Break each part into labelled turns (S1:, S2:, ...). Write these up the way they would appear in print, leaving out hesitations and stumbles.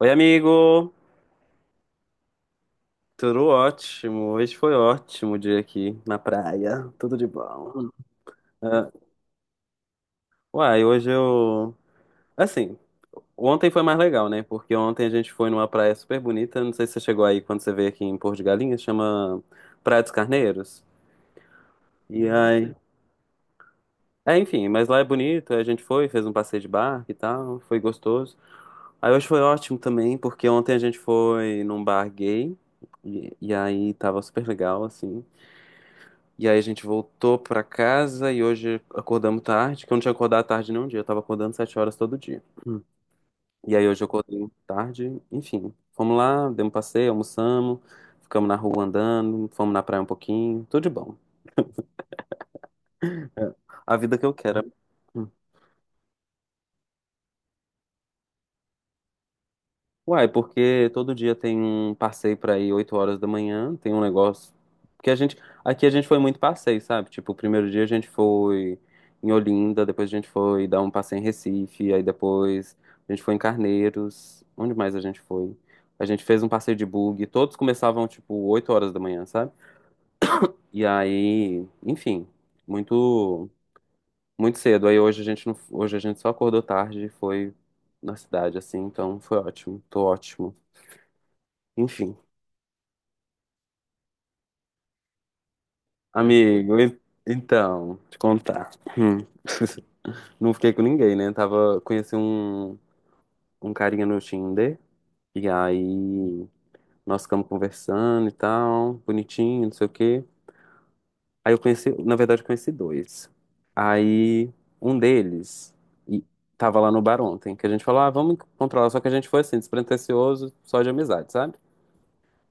S1: Oi, amigo! Tudo ótimo. Hoje foi ótimo o dia aqui na praia. Tudo de bom. Hum. Ah, uai, hoje eu. Assim, ontem foi mais legal, né? Porque ontem a gente foi numa praia super bonita. Não sei se você chegou aí quando você veio aqui em Porto de Galinhas, chama Praia dos Carneiros. E aí. É, enfim, mas lá é bonito. Aí A gente foi, fez um passeio de barco e tal. Foi gostoso. Aí hoje foi ótimo também, porque ontem a gente foi num bar gay. E aí tava super legal, assim. E aí a gente voltou pra casa e hoje acordamos tarde, que eu não tinha acordado tarde nenhum dia, eu tava acordando 7h todo dia. Hum. E aí hoje eu acordei tarde, enfim. Fomos lá, demos um passeio, almoçamos, ficamos na rua andando, fomos na praia um pouquinho, tudo de bom. A vida que eu quero. Uai, porque todo dia tem um passeio pra ir 8h da manhã, tem um negócio. Porque a gente. Aqui a gente foi muito passeio, sabe? Tipo, o primeiro dia a gente foi em Olinda, depois a gente foi dar um passeio em Recife, aí depois a gente foi em Carneiros. Onde mais a gente foi? A gente fez um passeio de bug, todos começavam, tipo, 8h da manhã, sabe? E aí, enfim, muito, muito cedo. Aí hoje a gente não, hoje a gente só acordou tarde e foi na cidade, assim, então foi ótimo, tô ótimo. Enfim. Amigo, então, te contar. Hum. Não fiquei com ninguém, né? Tava, conheci um, um carinha no Tinder, e aí nós ficamos conversando e tal, bonitinho, não sei o quê. Aí eu conheci, na verdade, eu conheci dois. Aí um deles e tava lá no bar ontem, que a gente falou, ah, vamos encontrar lá. Só que a gente foi assim, despretensioso, só de amizade, sabe?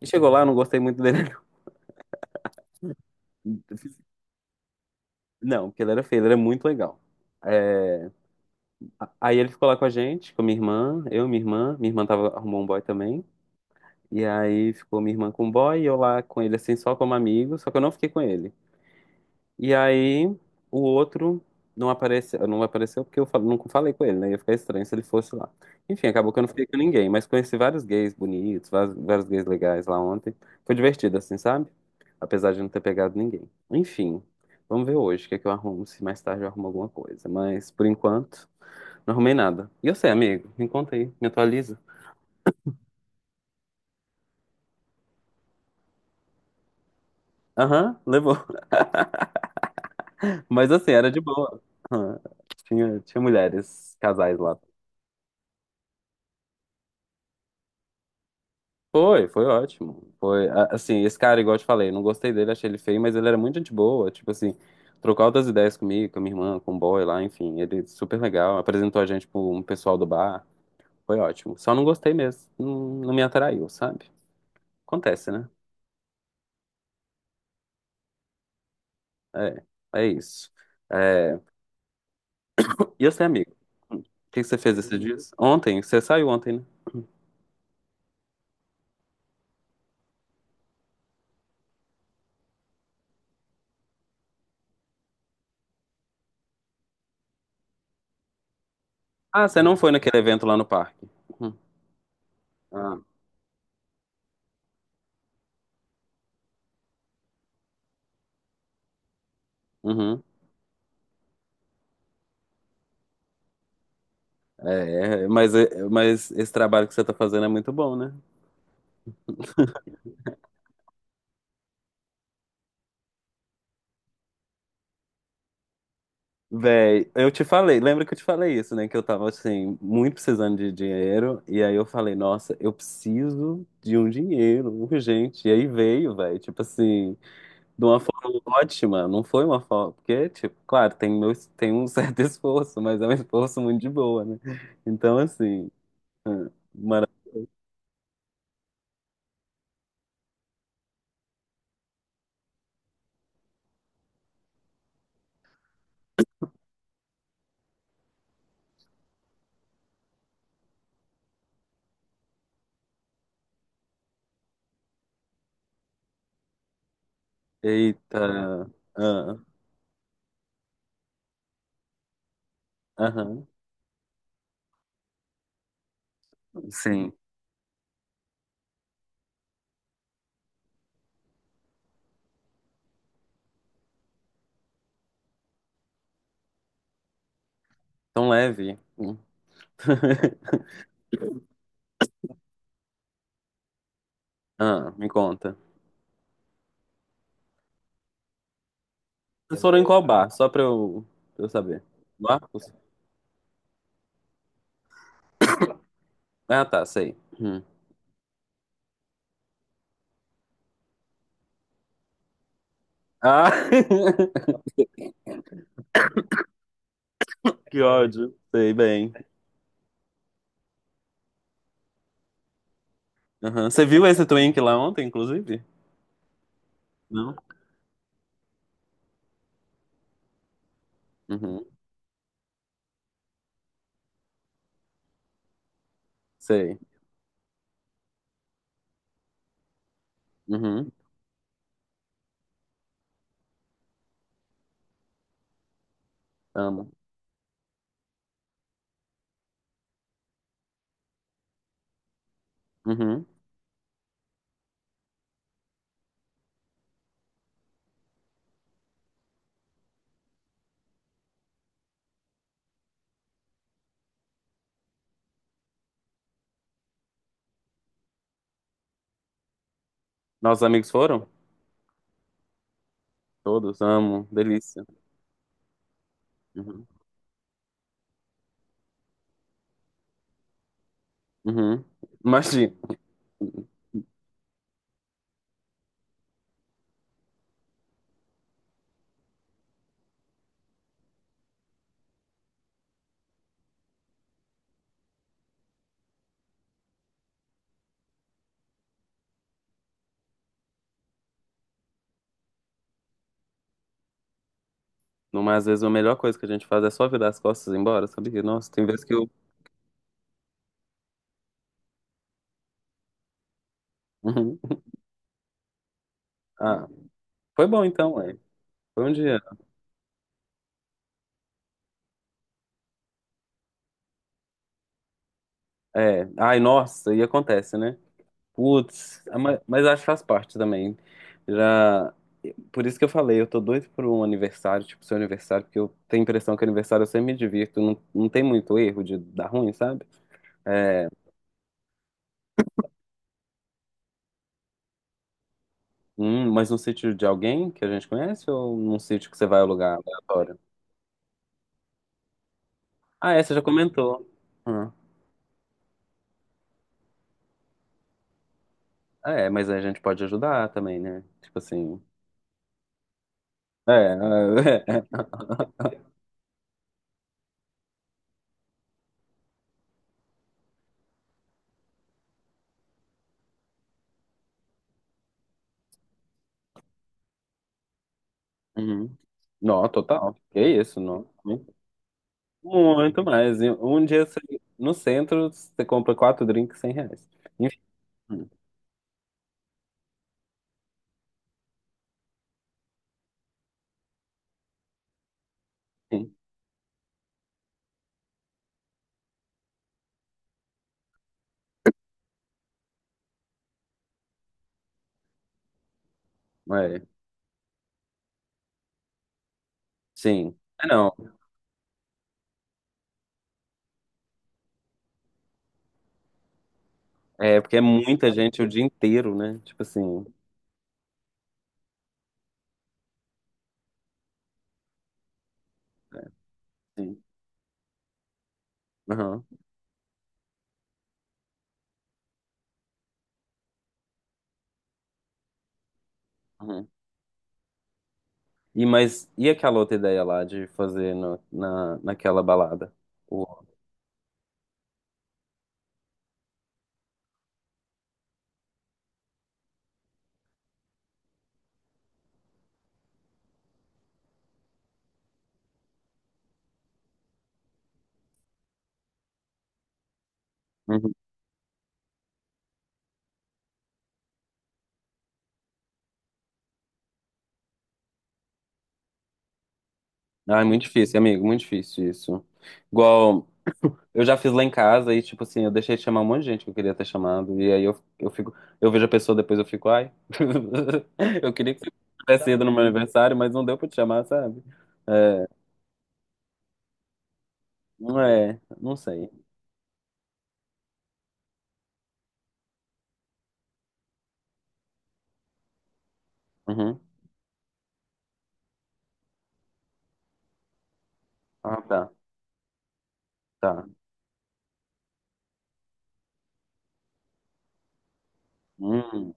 S1: E chegou lá, eu não gostei muito dele. Não, porque ele era feio, ele era muito legal. É, Aí ele ficou lá com a gente, com minha irmã, minha irmã tava, arrumou um boy também. E aí ficou minha irmã com o boy e eu lá com ele, assim, só como amigo, só que eu não fiquei com ele. E aí o outro não apareceu, não apareceu porque eu nunca falei com ele, né? Ia ficar estranho se ele fosse lá. Enfim, acabou que eu não fiquei com ninguém, mas conheci vários gays bonitos, vários, vários gays legais lá ontem. Foi divertido, assim, sabe? Apesar de não ter pegado ninguém. Enfim, vamos ver hoje o que é que eu arrumo, se mais tarde eu arrumo alguma coisa. Mas por enquanto. Não arrumei nada. E eu sei, amigo. Me conta aí, me atualiza. Aham, levou. Mas assim, era de boa. Aham. Tinha mulheres, casais lá. Foi ótimo. Assim, esse cara, igual eu te falei, não gostei dele, achei ele feio, mas ele era muito gente boa. Tipo assim, trocou altas ideias comigo, com a minha irmã, com o boy lá, enfim. Ele super legal. Apresentou a gente pro um pessoal do bar. Foi ótimo. Só não gostei mesmo. Não me atraiu, sabe? Acontece, né? É, é isso. É, e você, amigo? O que que você fez esses dias? Ontem? Você saiu ontem, né? Ah, você não foi naquele evento lá no parque. Uhum. Ah, uhum. Mas esse trabalho que você tá fazendo é muito bom, né? Véi, eu te falei, lembra que eu te falei isso, né? Que eu tava, assim, muito precisando de dinheiro. E aí eu falei, nossa, eu preciso de um dinheiro urgente. E aí veio, véi, tipo assim. De uma forma ótima, não foi uma forma, porque, tipo, claro, meu, tem um certo esforço, mas é um esforço muito de boa, né? Então, assim, eita, ah, aham, sim, tão leve. Hum. Ah, me conta. Vocês foram em qual bar? Só pra eu saber. Marcos? Ah, tá, sei. Hum. Ah, que ódio. Sei bem. Aham. Você viu esse Twink lá ontem, inclusive? Não? Uhum. Sei. Uhum. Amo. Uhum. Nossos amigos foram? Todos amo, delícia. Uhum. Uhum. Imagina. Não, às vezes a melhor coisa que a gente faz é só virar as costas e ir embora, sabia? Nossa, tem vezes que eu. Uhum. Ah, foi bom então, é. Foi um dia. É. Ai, nossa, e acontece, né? Putz, ah, mas acho que faz parte também. Já. Por isso que eu falei, eu tô doido por um aniversário, tipo seu aniversário, porque eu tenho a impressão que aniversário eu sempre me divirto, não, não tem muito erro de dar ruim, sabe? É, hum, mas no sítio de alguém que a gente conhece ou num sítio que você vai alugar aleatório? Ah, é, você já comentou. Hum. Ah, é, mas aí a gente pode ajudar também, né? Tipo assim. É. Uhum. Não, total. Que isso, não. Muito mais. E no centro você compra quatro drinks R$ 100. Enfim, sim. É, sim. É, não. É porque é muita gente o dia inteiro, né? Tipo assim. É, sim. Aham. E e aquela outra ideia lá de fazer naquela balada? O- Uhum. Ah, é muito difícil, amigo, muito difícil isso. Igual eu já fiz lá em casa e tipo assim, eu deixei de chamar um monte de gente que eu queria ter chamado e aí eu fico, eu vejo a pessoa depois eu fico, ai, eu queria que você tivesse ido no meu aniversário, mas não deu pra te chamar, sabe? É, não é, não sei. Uhum. Ah, tá, tá. Hum.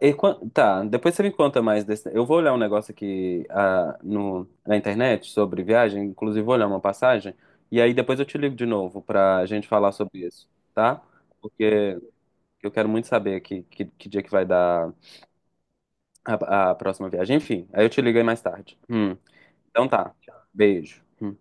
S1: E tá, depois você me conta mais desse. Eu vou olhar um negócio aqui ah, no, na internet sobre viagem, inclusive vou olhar uma passagem, e aí depois eu te ligo de novo pra gente falar sobre isso, tá? Porque eu quero muito saber que dia que vai dar a próxima viagem. Enfim, aí eu te ligo aí mais tarde. Então tá, beijo. Hum.